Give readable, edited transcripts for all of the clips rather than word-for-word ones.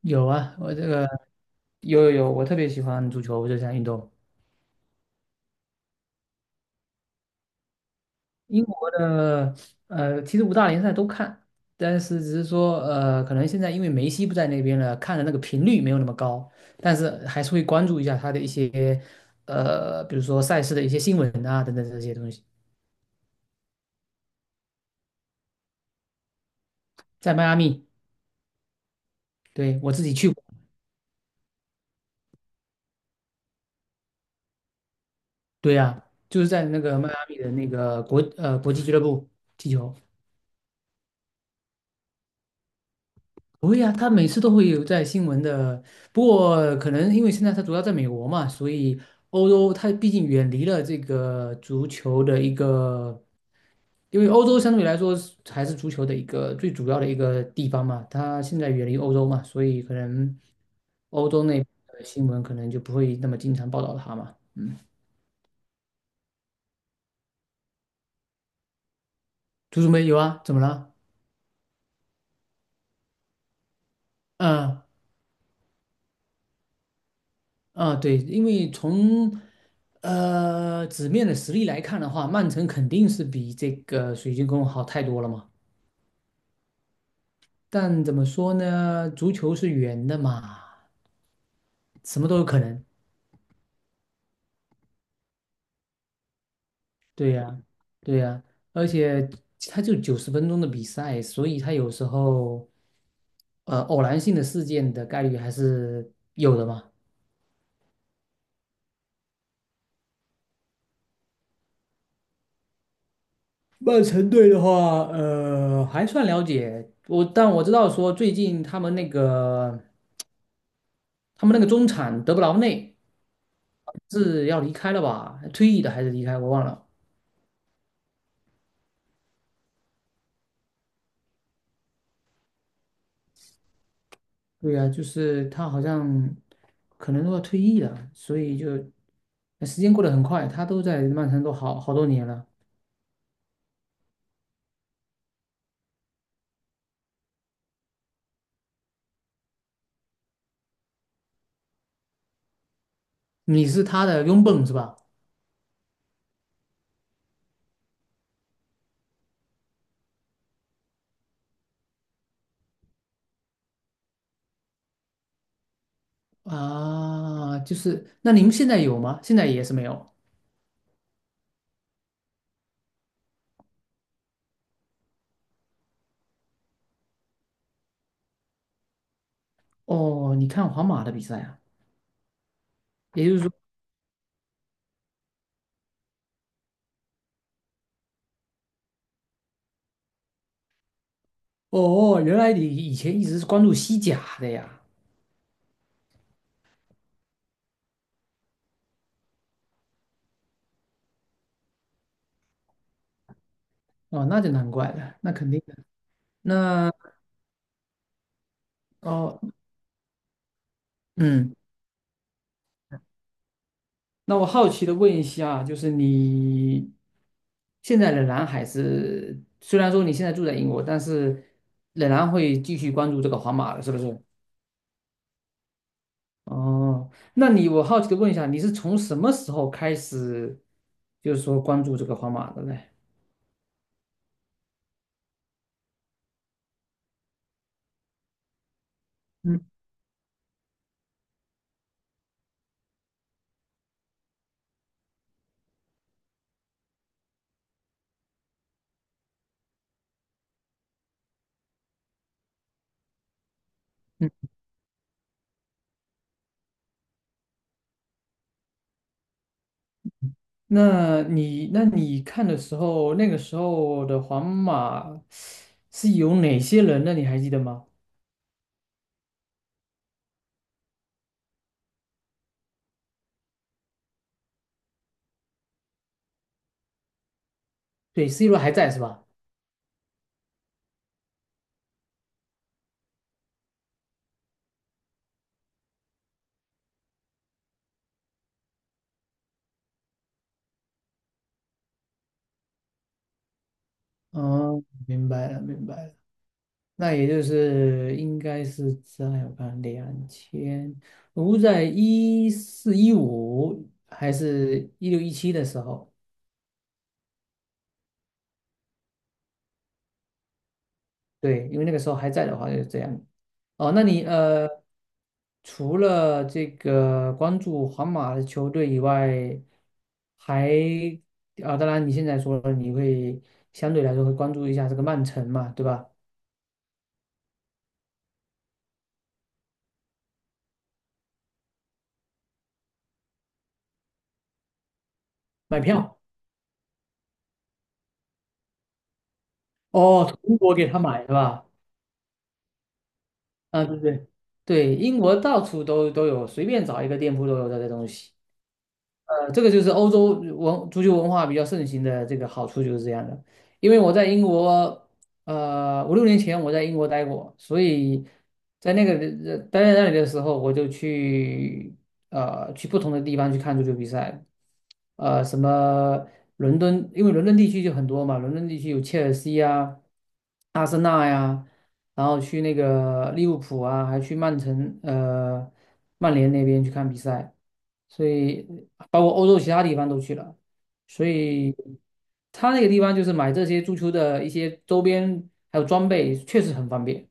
有啊，我这个有有有，我特别喜欢足球这项运动。英国的其实五大联赛都看，但是只是说可能现在因为梅西不在那边了，看的那个频率没有那么高，但是还是会关注一下他的一些比如说赛事的一些新闻啊等等这些东西。在迈阿密，对，我自己去过，对呀、啊，就是在那个迈阿密的那个国际俱乐部踢球。不会呀，他每次都会有在新闻的。不过可能因为现在他主要在美国嘛，所以欧洲他毕竟远离了这个足球的一个，因为欧洲相对来说是还是足球的一个最主要的一个地方嘛。他现在远离欧洲嘛，所以可能欧洲那边的新闻可能就不会那么经常报道他嘛。嗯，足球没有啊？怎么了？嗯。啊，对，因为从纸面的实力来看的话，曼城肯定是比这个水晶宫好太多了嘛。但怎么说呢，足球是圆的嘛，什么都有可能。对呀，对呀，而且它就90分钟的比赛，所以它有时候偶然性的事件的概率还是有的嘛。曼城队的话，还算了解我，但我知道说最近他们那个他们那个中场德布劳内。是要离开了吧？退役的还是离开？我忘了。对呀、就是他好像可能都要退役了，所以就时间过得很快，他都在曼城都好好多年了。你是他的拥趸是吧？啊，就是那你们现在有吗？现在也是没有。哦，你看皇马的比赛啊，也就是说，哦，原来你以前一直是关注西甲的呀。哦，那就难怪了，那肯定的。那哦，嗯。那我好奇的问一下啊，就是你现在仍然还是，虽然说你现在住在英国，但是仍然会继续关注这个皇马的，是不是？哦，那你我好奇的问一下，你是从什么时候开始，就是说关注这个皇马的呢？嗯嗯，那你那你看的时候，那个时候的皇马是有哪些人呢？你还记得吗？对，C罗还在是吧？嗯，明白了，明白了。那也就是应该是在我看两千，我在一四一五还是一六一七的时候，对，因为那个时候还在的话就是这样。哦，那你除了这个关注皇马的球队以外，还啊，当然你现在说了你会相对来说会关注一下这个曼城嘛，对吧？买票哦，从中国给他买是吧？啊，对对对，英国到处都都有，随便找一个店铺都有这些东西。呃，这个就是欧洲足球文化比较盛行的这个好处就是这样的。因为我在英国，5、6年前我在英国待过，所以在那个待在那里的时候，我就去去不同的地方去看足球比赛，什么伦敦，因为伦敦地区就很多嘛，伦敦地区有切尔西啊、阿森纳呀、然后去那个利物浦啊，还去曼联那边去看比赛。所以包括欧洲其他地方都去了，所以他那个地方就是买这些足球的一些周边还有装备，确实很方便。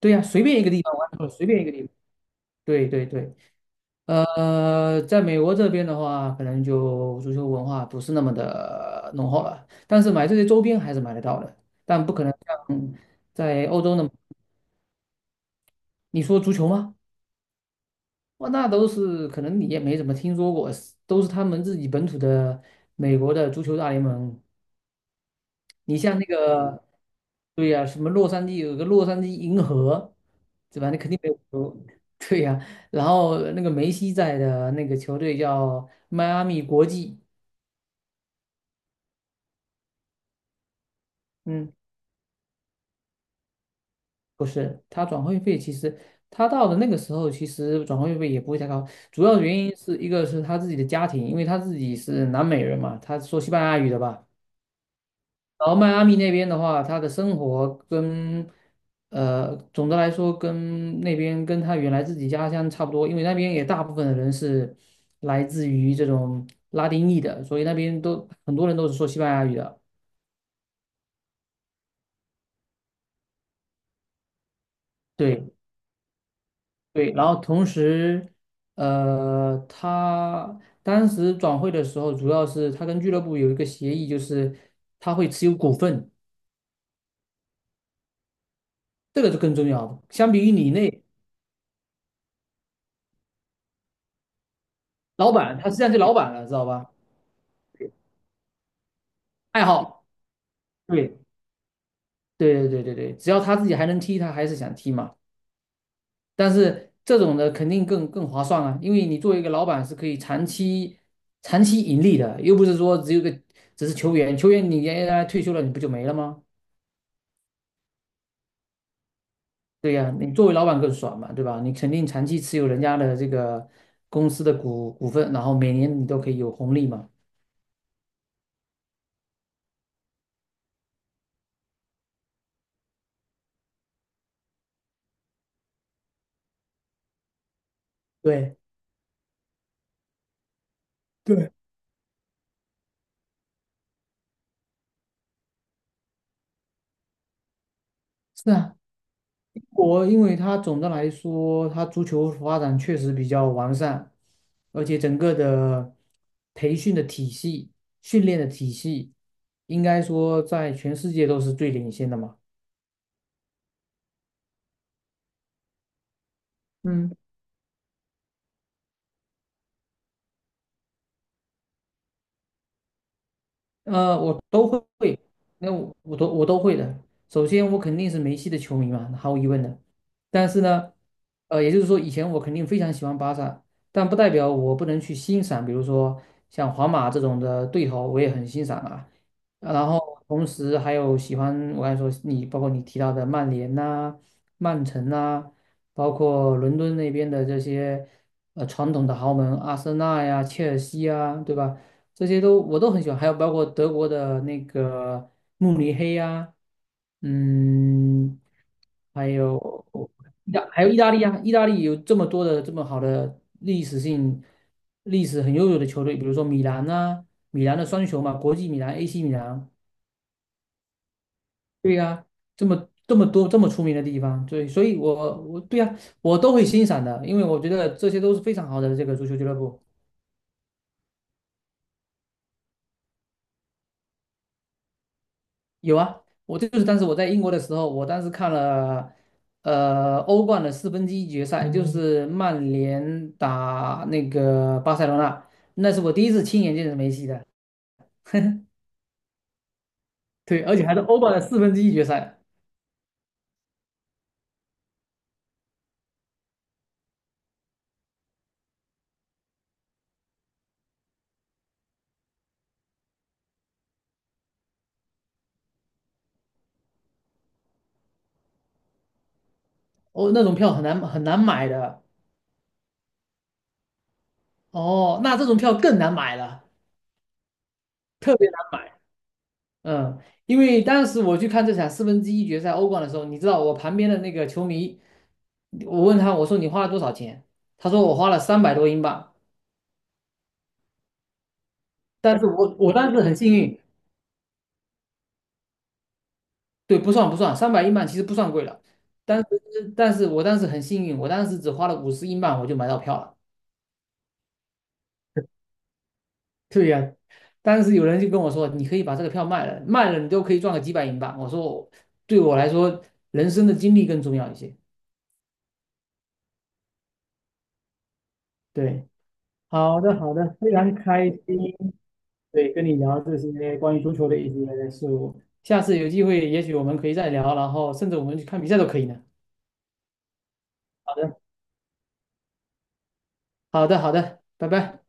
对呀、随便一个地方玩足球随便一个地方。对对对，在美国这边的话，可能就足球文化不是那么的浓厚了，但是买这些周边还是买得到的，但不可能像在欧洲那么。你说足球吗？哇，那都是可能你也没怎么听说过，是都是他们自己本土的美国的足球大联盟。你像那个，对呀、什么洛杉矶有个洛杉矶银河，对吧？你肯定没有听说 对呀、然后那个梅西在的那个球队叫迈阿密国际，嗯，不是，他转会费其实他到的那个时候，其实转会费也不会太高，主要原因是一个是他自己的家庭，因为他自己是南美人嘛，他说西班牙语的吧。然后迈阿密那边的话，他的生活跟总的来说跟那边跟他原来自己家乡差不多，因为那边也大部分的人是来自于这种拉丁裔的，所以那边都很多人都是说西班牙语的。对对，然后同时，他当时转会的时候，主要是他跟俱乐部有一个协议，就是他会持有股份，这个是更重要的。相比于你那老板，他实际上是老板了，知道吧？爱好。对对对对对对，只要他自己还能踢，他还是想踢嘛。但是这种的肯定更划算啊，因为你作为一个老板是可以长期盈利的，又不是说只有个只是球员，球员你原来退休了，你不就没了吗？对呀、你作为老板更爽嘛，对吧？你肯定长期持有人家的这个公司的股份，然后每年你都可以有红利嘛。对，对，是啊。因为它总的来说，它足球发展确实比较完善，而且整个的培训的体系、训练的体系，应该说在全世界都是最领先的嘛。嗯。我都会，那我我都会的。首先，我肯定是梅西的球迷嘛，毫无疑问的。但是呢，也就是说，以前我肯定非常喜欢巴萨，但不代表我不能去欣赏，比如说像皇马这种的对头，我也很欣赏啊。然后同时还有喜欢，我刚才说你，包括你提到的曼联呐、曼城呐、包括伦敦那边的这些传统的豪门，阿森纳呀、切尔西呀，对吧？这些都我都很喜欢，还有包括德国的那个慕尼黑呀、嗯，还有还有意大利啊，意大利有这么多的这么好的历史性、历史很悠久的球队，比如说米兰呐、米兰的双雄嘛，国际米兰、AC 米兰，对呀、这么这么多这么出名的地方，对，所以我对呀、我都会欣赏的，因为我觉得这些都是非常好的这个足球俱乐部。有啊，我这就是当时我在英国的时候，我当时看了，欧冠的四分之一决赛，嗯就是曼联打那个巴塞罗那，那是我第一次亲眼见着梅西的，对，而且还是欧冠的四分之一决赛，哦，那种票很难很难买的，哦，那这种票更难买了，特别难买，嗯，因为当时我去看这场四分之一决赛欧冠的时候，你知道我旁边的那个球迷，我问他，我说你花了多少钱？他说我花了300多英镑。但是我当时很幸运，对，不算不算，300英镑其实不算贵了，但是但是我当时很幸运，我当时只花了50英镑我就买到票了。对呀、当时有人就跟我说，你可以把这个票卖了，卖了你都可以赚个几百英镑。我说，对我来说，人生的经历更重要一些。对，好的好的，非常开心，对，跟你聊这些关于足球的一些事物。下次有机会，也许我们可以再聊，然后甚至我们去看比赛都可以呢。好的，好的，好的，拜拜。